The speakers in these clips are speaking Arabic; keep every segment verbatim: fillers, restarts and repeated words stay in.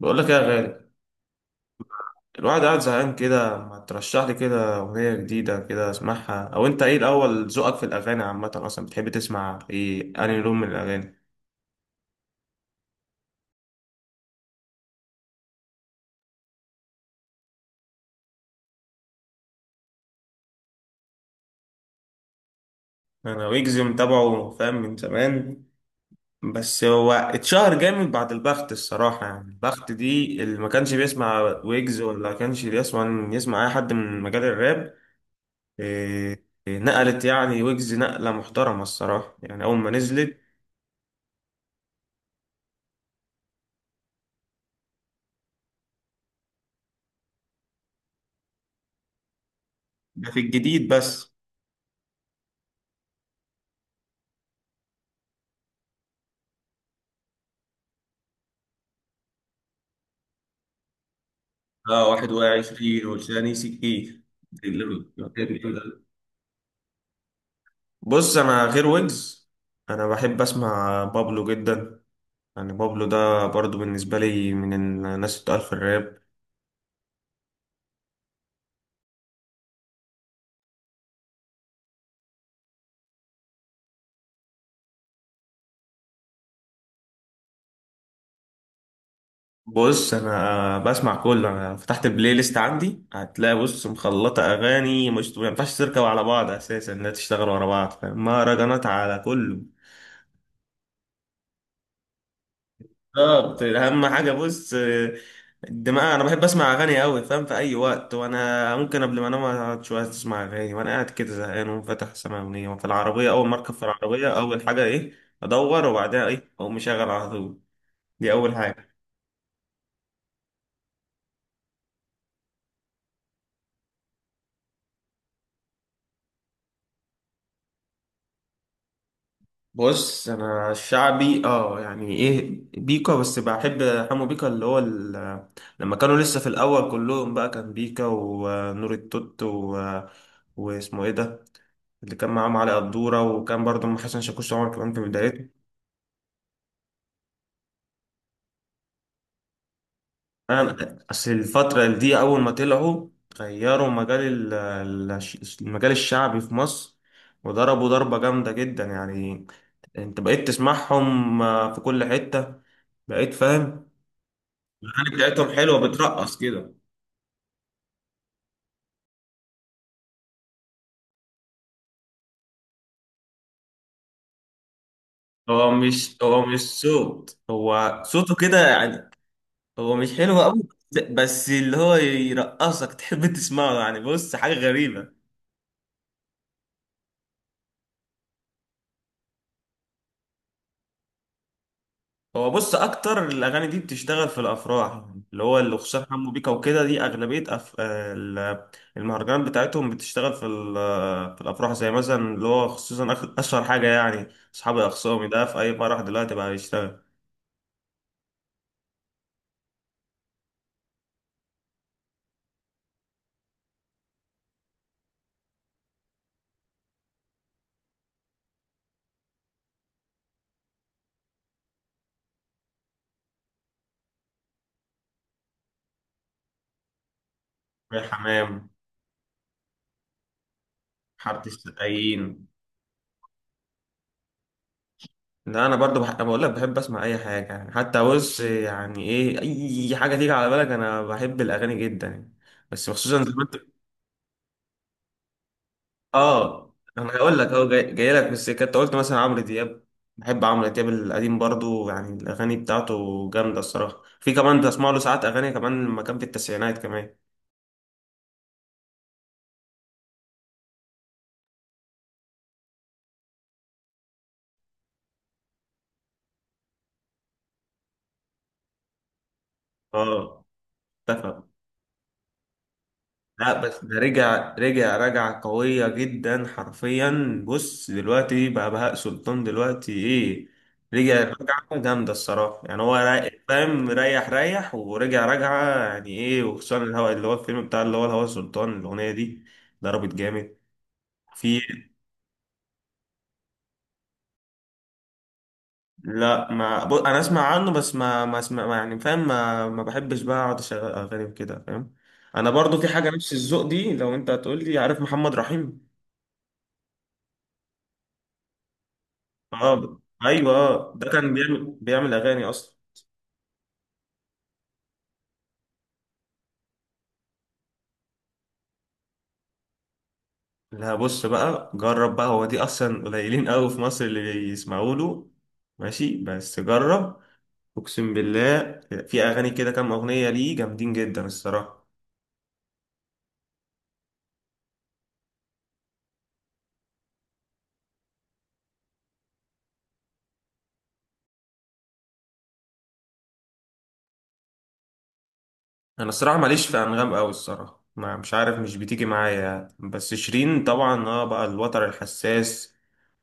بقول لك إيه يا غالي. الواحد قاعد زهقان كده، ما ترشح لي كده اغنيه جديده كده اسمعها؟ او انت ايه الاول، ذوقك في الاغاني عامه اصلا بتحب تسمع ايه، انهي لون من الاغاني؟ انا ويجز متابعه فاهم من زمان، بس هو اتشهر جامد بعد البخت الصراحه، يعني البخت دي اللي ما كانش بيسمع ويجز ولا كانش بيسمع، يسمع اي حد من مجال الراب. إيه إيه، نقلت يعني ويجز نقله محترمه الصراحه يعني اول ما نزلت. ده في الجديد بس. اه واحد واقع عشرين والثاني ستين. بص انا غير ويجز، انا بحب اسمع بابلو جدا، يعني بابلو ده برضو بالنسبه لي من الناس اللي بتقال في الراب. بص انا بسمع كله، انا فتحت البلاي ليست عندي هتلاقي بص مخلطه اغاني مش، ما ينفعش تركب على بعض اساسا لا تشتغل ورا بعض فاهم؟ مهرجانات على كله. بالظبط، اهم حاجه بص، آه، الدماغ، انا بحب اسمع اغاني قوي فاهم في اي وقت، وانا ممكن قبل ما انام اقعد شويه اسمع اغاني وانا قاعد كده زهقان وفاتح سماع اغنيه، وفي العربيه اول ما اركب في العربيه اول حاجه ايه، ادور وبعدها ايه اقوم مشغل على طول. دي اول حاجه. بص انا الشعبي اه يعني ايه، بيكا بس بحب، حمو بيكا اللي هو ال- لما كانوا لسه في الاول كلهم بقى كان بيكا ونور التوت و... آه، واسمه ايه ده، اللي كان معاهم علي قدورة، وكان برضه أم حسن شاكوش طبعا كمان في بدايته. أنا أصل الفترة دي أول ما طلعوا غيروا مجال ال- ال- المجال الشعبي في مصر، وضربوا ضربة جامدة جدا يعني. أنت بقيت تسمعهم آه، في كل حتة، بقيت فاهم. الأغاني بتاعتهم حلوة بترقص كده. هو مش هو مش صوت، هو صوته كده يعني، هو مش حلو قوي، بس اللي هو يرقصك تحب تسمعه يعني، بص حاجة غريبة. هو بص اكتر الاغاني دي بتشتغل في الافراح، اللي هو اللي خصوصا حمو بيكا وكده دي اغلبيه أف... آه، ال- المهرجانات بتاعتهم بتشتغل في ال- آه، في الافراح، زي مثلا اللي هو خصوصا أخ- اشهر حاجه يعني، اصحابي اخصامي ده في اي فرح دلوقتي بقى بيشتغل. في حمام، حاره السقايين. لا انا برضو بح... بقول لك بحب اسمع اي حاجه يعني، حتى بص يعني ايه، اي حاجه تيجي على بالك انا بحب الاغاني جدا يعني. بس خصوصا زي ما انت، اه انا هقول لك اهو جاي, جاي لك في السكه، انت قلت مثلا عمرو دياب، بحب عمرو دياب القديم برضو يعني الاغاني بتاعته جامده الصراحه، في كمان بسمع له ساعات اغاني كمان لما كان في التسعينات كمان. اه، اتفق. لا بس ده رجع رجع رجع قويه جدا حرفيا، بص دلوقتي بقى بهاء سلطان دلوقتي ايه، رجع رجعه جامده الصراحه يعني، هو رايق فاهم ريح ريح ورجع رجعه يعني ايه، وخصوصا الهوا اللي هو الفيلم بتاع اللي هو الهوا سلطان الاغنيه دي. ضربت جامد. في، لا ما ب... انا اسمع عنه، بس ما ما اسمع ما يعني فاهم، ما ما بحبش بقى اقعد اشغل اغاني وكده فاهم. انا برضو في حاجه نفس الذوق دي لو انت هتقول لي، عارف محمد رحيم؟ اه، ايوه آه. ده كان بيعمل بيعمل اغاني اصلا. لا بص بقى جرب بقى، هو دي اصلا قليلين قوي في مصر اللي بيسمعوا له، ماشي بس جرب، اقسم بالله في اغاني كده كام اغنيه ليه جامدين جدا الصراحه. انا الصراحه ماليش في انغام قوي الصراحه، ما مش عارف مش بتيجي معايا يعني. بس شيرين طبعا اه بقى الوتر الحساس،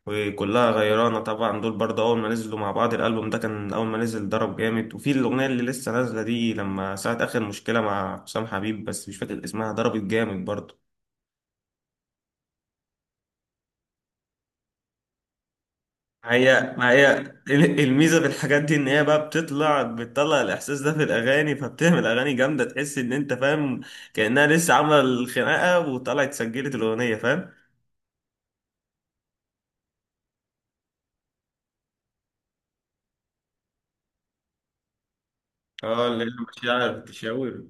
وكلها غيرانه طبعا، دول برضه اول ما نزلوا مع بعض الالبوم ده كان اول ما نزل ضرب جامد، وفي الاغنيه اللي لسه نازله دي لما ساعه اخر مشكله مع حسام حبيب بس مش فاكر اسمها، ضربت جامد برضه. هي ما هي ال- الميزه في الحاجات دي ان هي بقى بتطلع بتطلع الاحساس ده في الاغاني، فبتعمل اغاني جامده تحس ان انت فاهم كانها لسه عامله الخناقه وطلعت سجلت الاغنيه فاهم. اه اللي هي مشاعر، تشاور.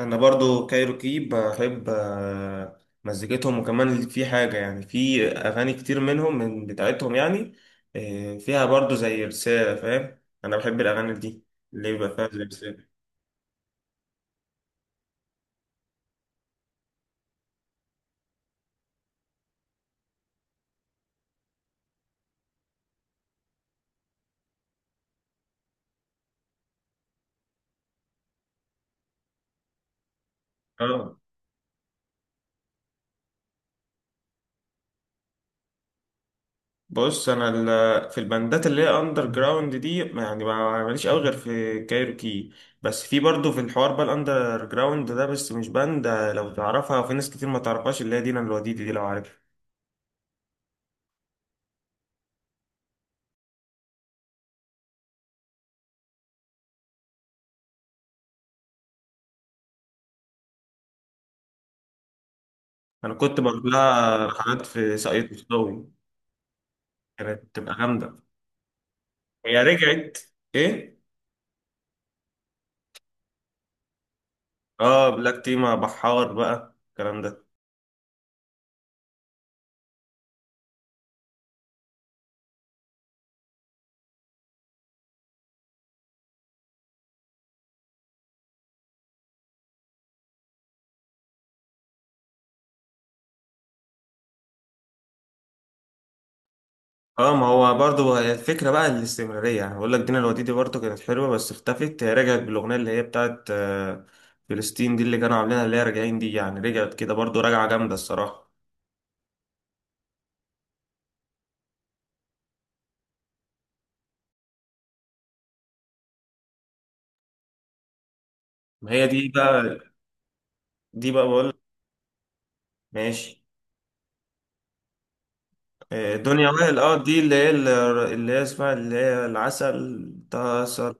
انا برضو كايروكي بحب آه، مزيكتهم، وكمان في حاجة يعني في اغاني كتير منهم من بتاعتهم يعني آه، فيها برضو زي رسالة فاهم، انا بحب الاغاني دي اللي يبقى فيها زي رسالة. اه بص انا ال- في البندات اللي هي اندر جراوند دي ما- يعني ما- ماليش قوي غير في كايروكي، بس في برضو في الحوار بقى الاندر جراوند ده بس مش باند آه، لو تعرفها وفي ناس كتير ما تعرفهاش اللي هي دينا الوديدي دي لو عارفها. انا كنت بروح لها رحلات في ساقية مصداوي، كانت بتبقى جامده. هي رجعت. ايه؟ اه، بلاك تي مع بحار بقى الكلام ده. اه ما هو برضو هي الفكره بقى الاستمراريه يعني، بقول لك دينا الوديدي برضو كانت حلوه بس اختفت، هي رجعت بالاغنيه اللي هي بتاعت آه، فلسطين دي اللي كانوا عاملينها اللي هي راجعين دي، يعني رجعت كده برضو راجعه جامده الصراحه. ما هي دي بقى، دي بقى بقول لك. ماشي. آه، دنيا وائل، اه دي اللي هي اللي هي اسمها اللي هي العسل تسر.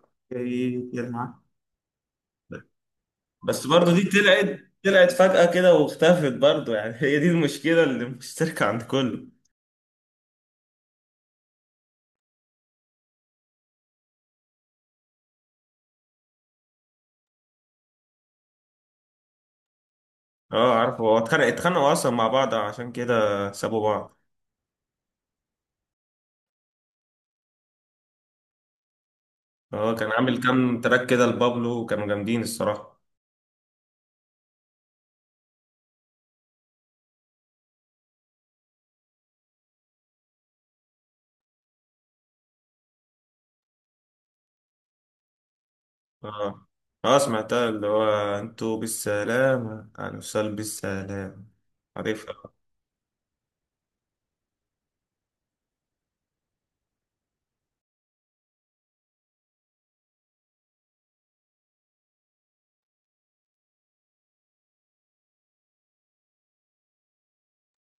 بس برضه دي طلعت طلعت فجأة كده واختفت برضه يعني هي دي المشكلة اللي مشتركة عند كله. اه عارفه، هو اتخانق اتخانقوا اصلا مع بعض عشان كده سابوا بعض. اه كان عامل كام تراك كده لبابلو وكانوا جامدين الصراحة. اه، اه، سمعتها اللي هو انتوا بالسلامة انا وصل بالسلامة، عارفها.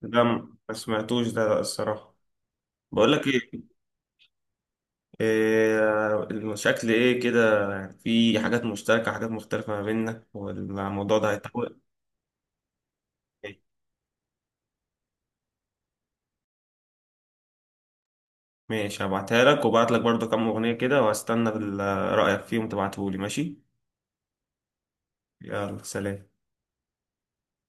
لا ما سمعتوش ده لا الصراحة. بقول لك ايه، إيه، المشاكل ايه كده يعني، في حاجات مشتركة حاجات مختلفة ما بيننا، والموضوع ده هيتحول. ماشي هبعتها لك، وبعت لك برضه كام أغنية كده، وهستنى ال- رأيك فيهم تبعتهولي ماشي. يلا سلام.